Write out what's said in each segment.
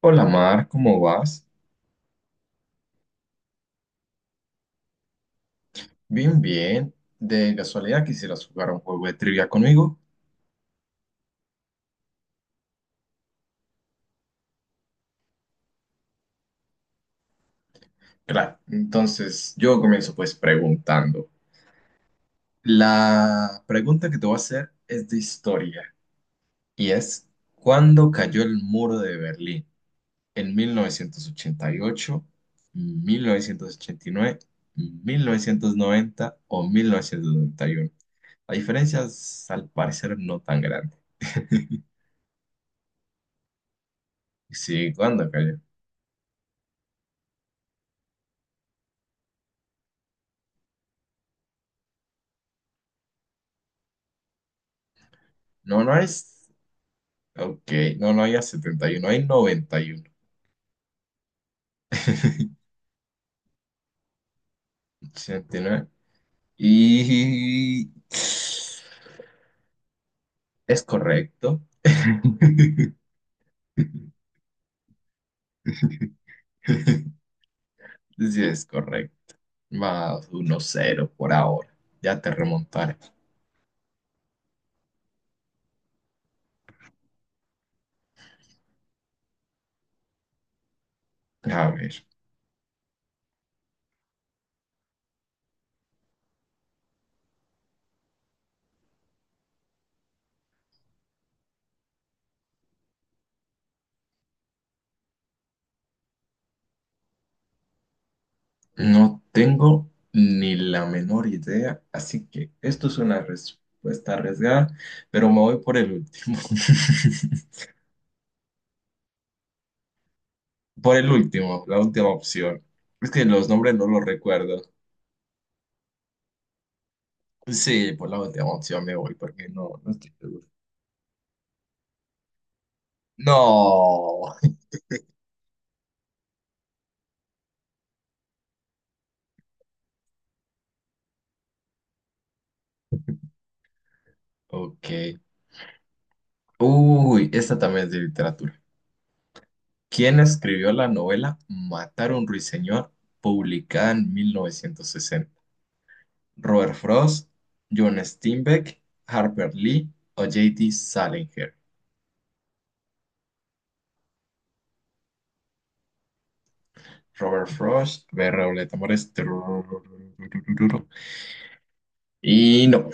Hola Mar, ¿cómo vas? Bien, bien. De casualidad, ¿quisieras jugar un juego de trivia conmigo? Claro, entonces yo comienzo pues preguntando. La pregunta que te voy a hacer es de historia y es, ¿cuándo cayó el muro de Berlín? ¿En mil novecientos ochenta y ocho, 1989, 1990 o 1991? La diferencia es, al parecer, no tan grande. Sí, ¿cuándo cayó? No, no es. Ok, no, no había 71, hay 91. 79, y es correcto. Sí, es correcto. Más uno cero por ahora. Ya te remontaré. A ver, no tengo ni la menor idea, así que esto es una respuesta arriesgada, pero me voy por el último. Por el último, la última opción. Es que los nombres no los recuerdo. Sí, por la última opción me voy porque no, no estoy seguro. No. Ok. Uy, esta también es de literatura. ¿Quién escribió la novela Matar a un ruiseñor, publicada en 1960? ¿Robert Frost, John Steinbeck, Harper Lee o J.D. Salinger? Robert Frost, B. Reoleta Mores. Y no,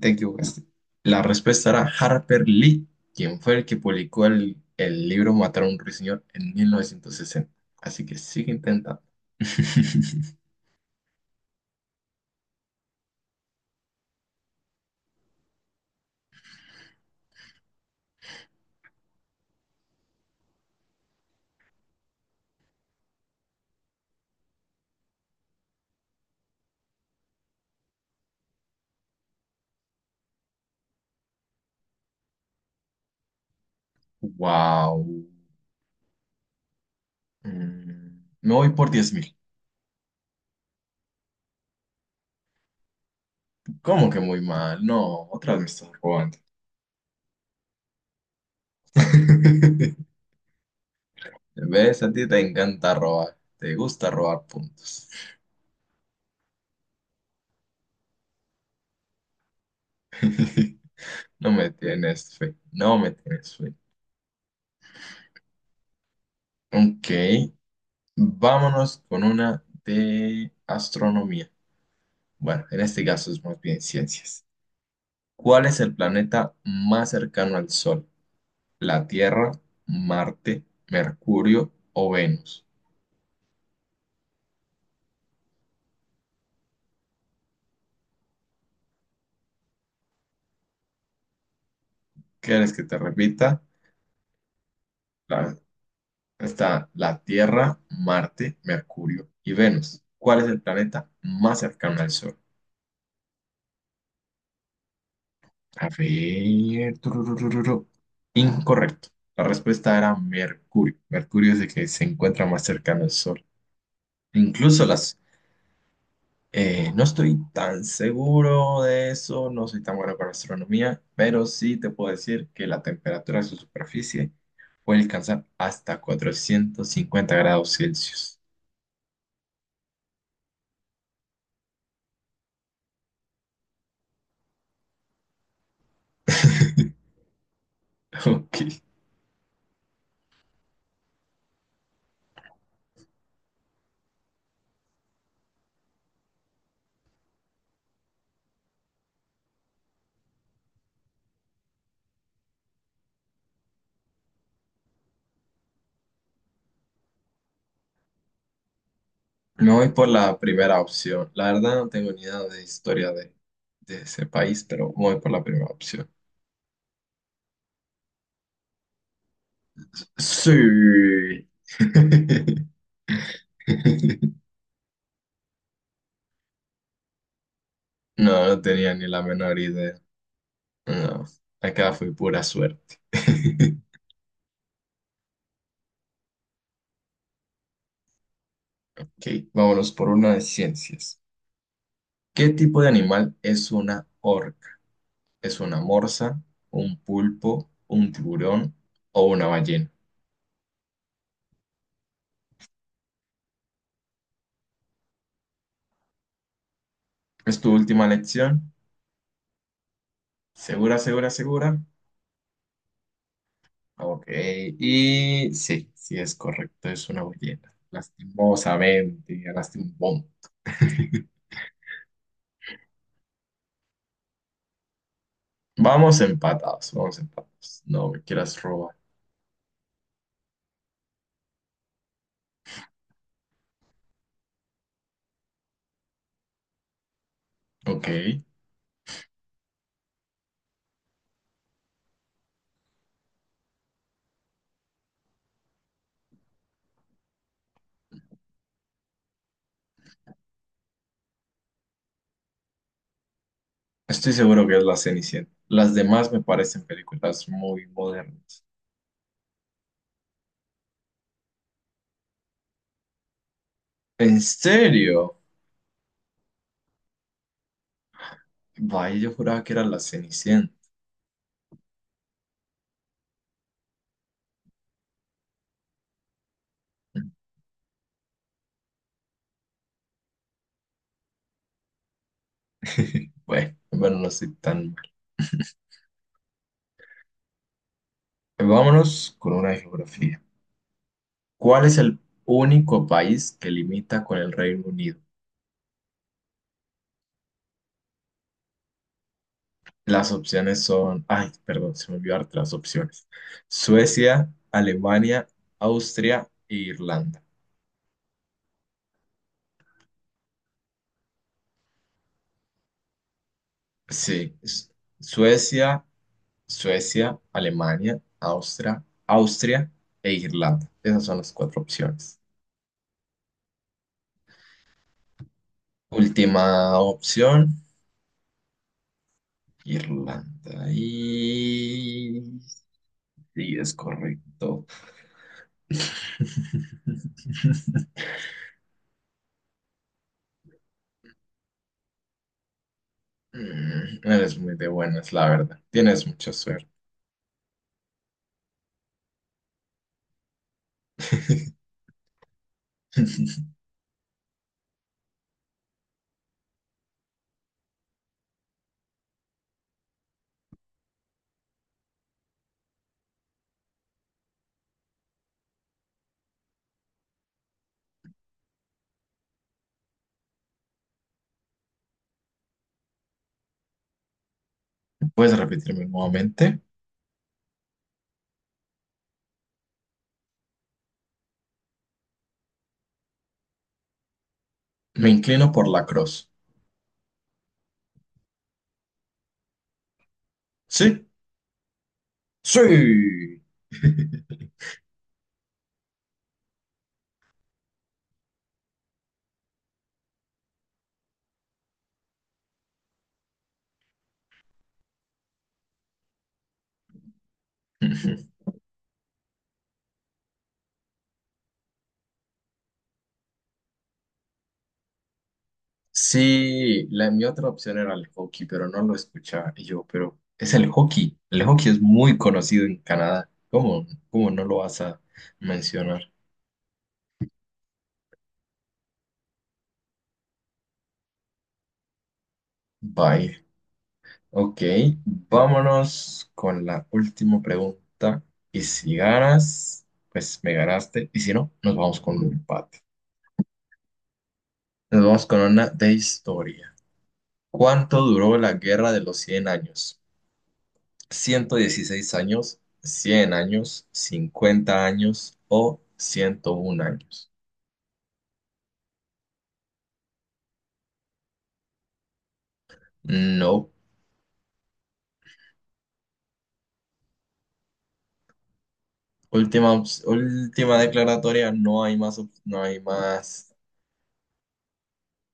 te equivocaste. La respuesta era Harper Lee, quien fue el que publicó el libro Matar a un ruiseñor en 1960. Así que sigue intentando. Wow, me voy por 10.000. ¿Cómo que muy mal? No, otra vez me estás robando. ¿Ves? A ti te encanta robar. Te gusta robar puntos. No me tienes fe. No me tienes fe. Ok. Vámonos con una de astronomía. Bueno, en este caso es más bien ciencias. ¿Cuál es el planeta más cercano al Sol? ¿La Tierra, Marte, Mercurio o Venus? ¿Quieres que te repita? La- Está la Tierra, Marte, Mercurio y Venus. ¿Cuál es el planeta más cercano al Sol? A ver. Tururururu. Incorrecto. La respuesta era Mercurio. Mercurio es el que se encuentra más cercano al Sol. Incluso las... no estoy tan seguro de eso, no soy tan bueno con astronomía, pero sí te puedo decir que la temperatura de su superficie puede alcanzar hasta 450 grados Celsius. Ok. Me voy por la primera opción. La verdad, no tengo ni idea de historia de, ese país, pero me voy por la primera opción. Sí. No, no tenía ni la menor idea. No, acá fue pura suerte. Ok, vámonos por una de ciencias. ¿Qué tipo de animal es una orca? ¿Es una morsa, un pulpo, un tiburón o una ballena? ¿Es tu última lección? ¿Segura, segura, segura? Ok, y sí, sí es correcto, es una ballena. Lastimosamente, ganaste un punto. Vamos empatados, vamos empatados. No me quieras robar. Ok, estoy seguro que es la Cenicienta. Las demás me parecen películas muy modernas. ¿En serio? Vaya, yo juraba que era la Cenicienta. Bueno, bueno, no soy tan mal. Vámonos con una de geografía. ¿Cuál es el único país que limita con el Reino Unido? Las opciones son, ay, perdón, se me olvidó darte las opciones. Suecia, Alemania, Austria e Irlanda. Sí, es- Suecia, Suecia, Alemania, Austria e Irlanda. Esas son las cuatro opciones. Última opción. Irlanda. Y sí, es correcto. Eres muy de buenas, la verdad. Tienes mucha suerte. ¿Puedes repetirme nuevamente? Me inclino por la cruz. ¿Sí? Sí. Sí, mi otra opción era el hockey, pero no lo escuchaba y yo, pero es el hockey. El hockey es muy conocido en Canadá. ¿Cómo no lo vas a mencionar? Bye. Ok, vámonos con la última pregunta. Y si ganas, pues me ganaste. Y si no, nos vamos con un empate. Nos vamos con una de historia. ¿Cuánto duró la guerra de los Cien años? ¿116 años, 100 años, 50 años o 101 años? No. Última declaratoria. No hay más. No hay más.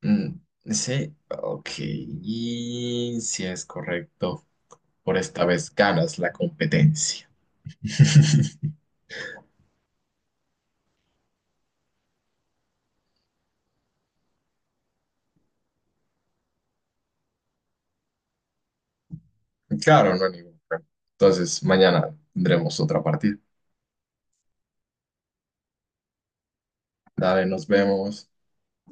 mm, Sí, ok. Y si es correcto. Por esta vez ganas la competencia. Claro, no hay ningún problema. Entonces, mañana tendremos otra partida. Dale, nos vemos.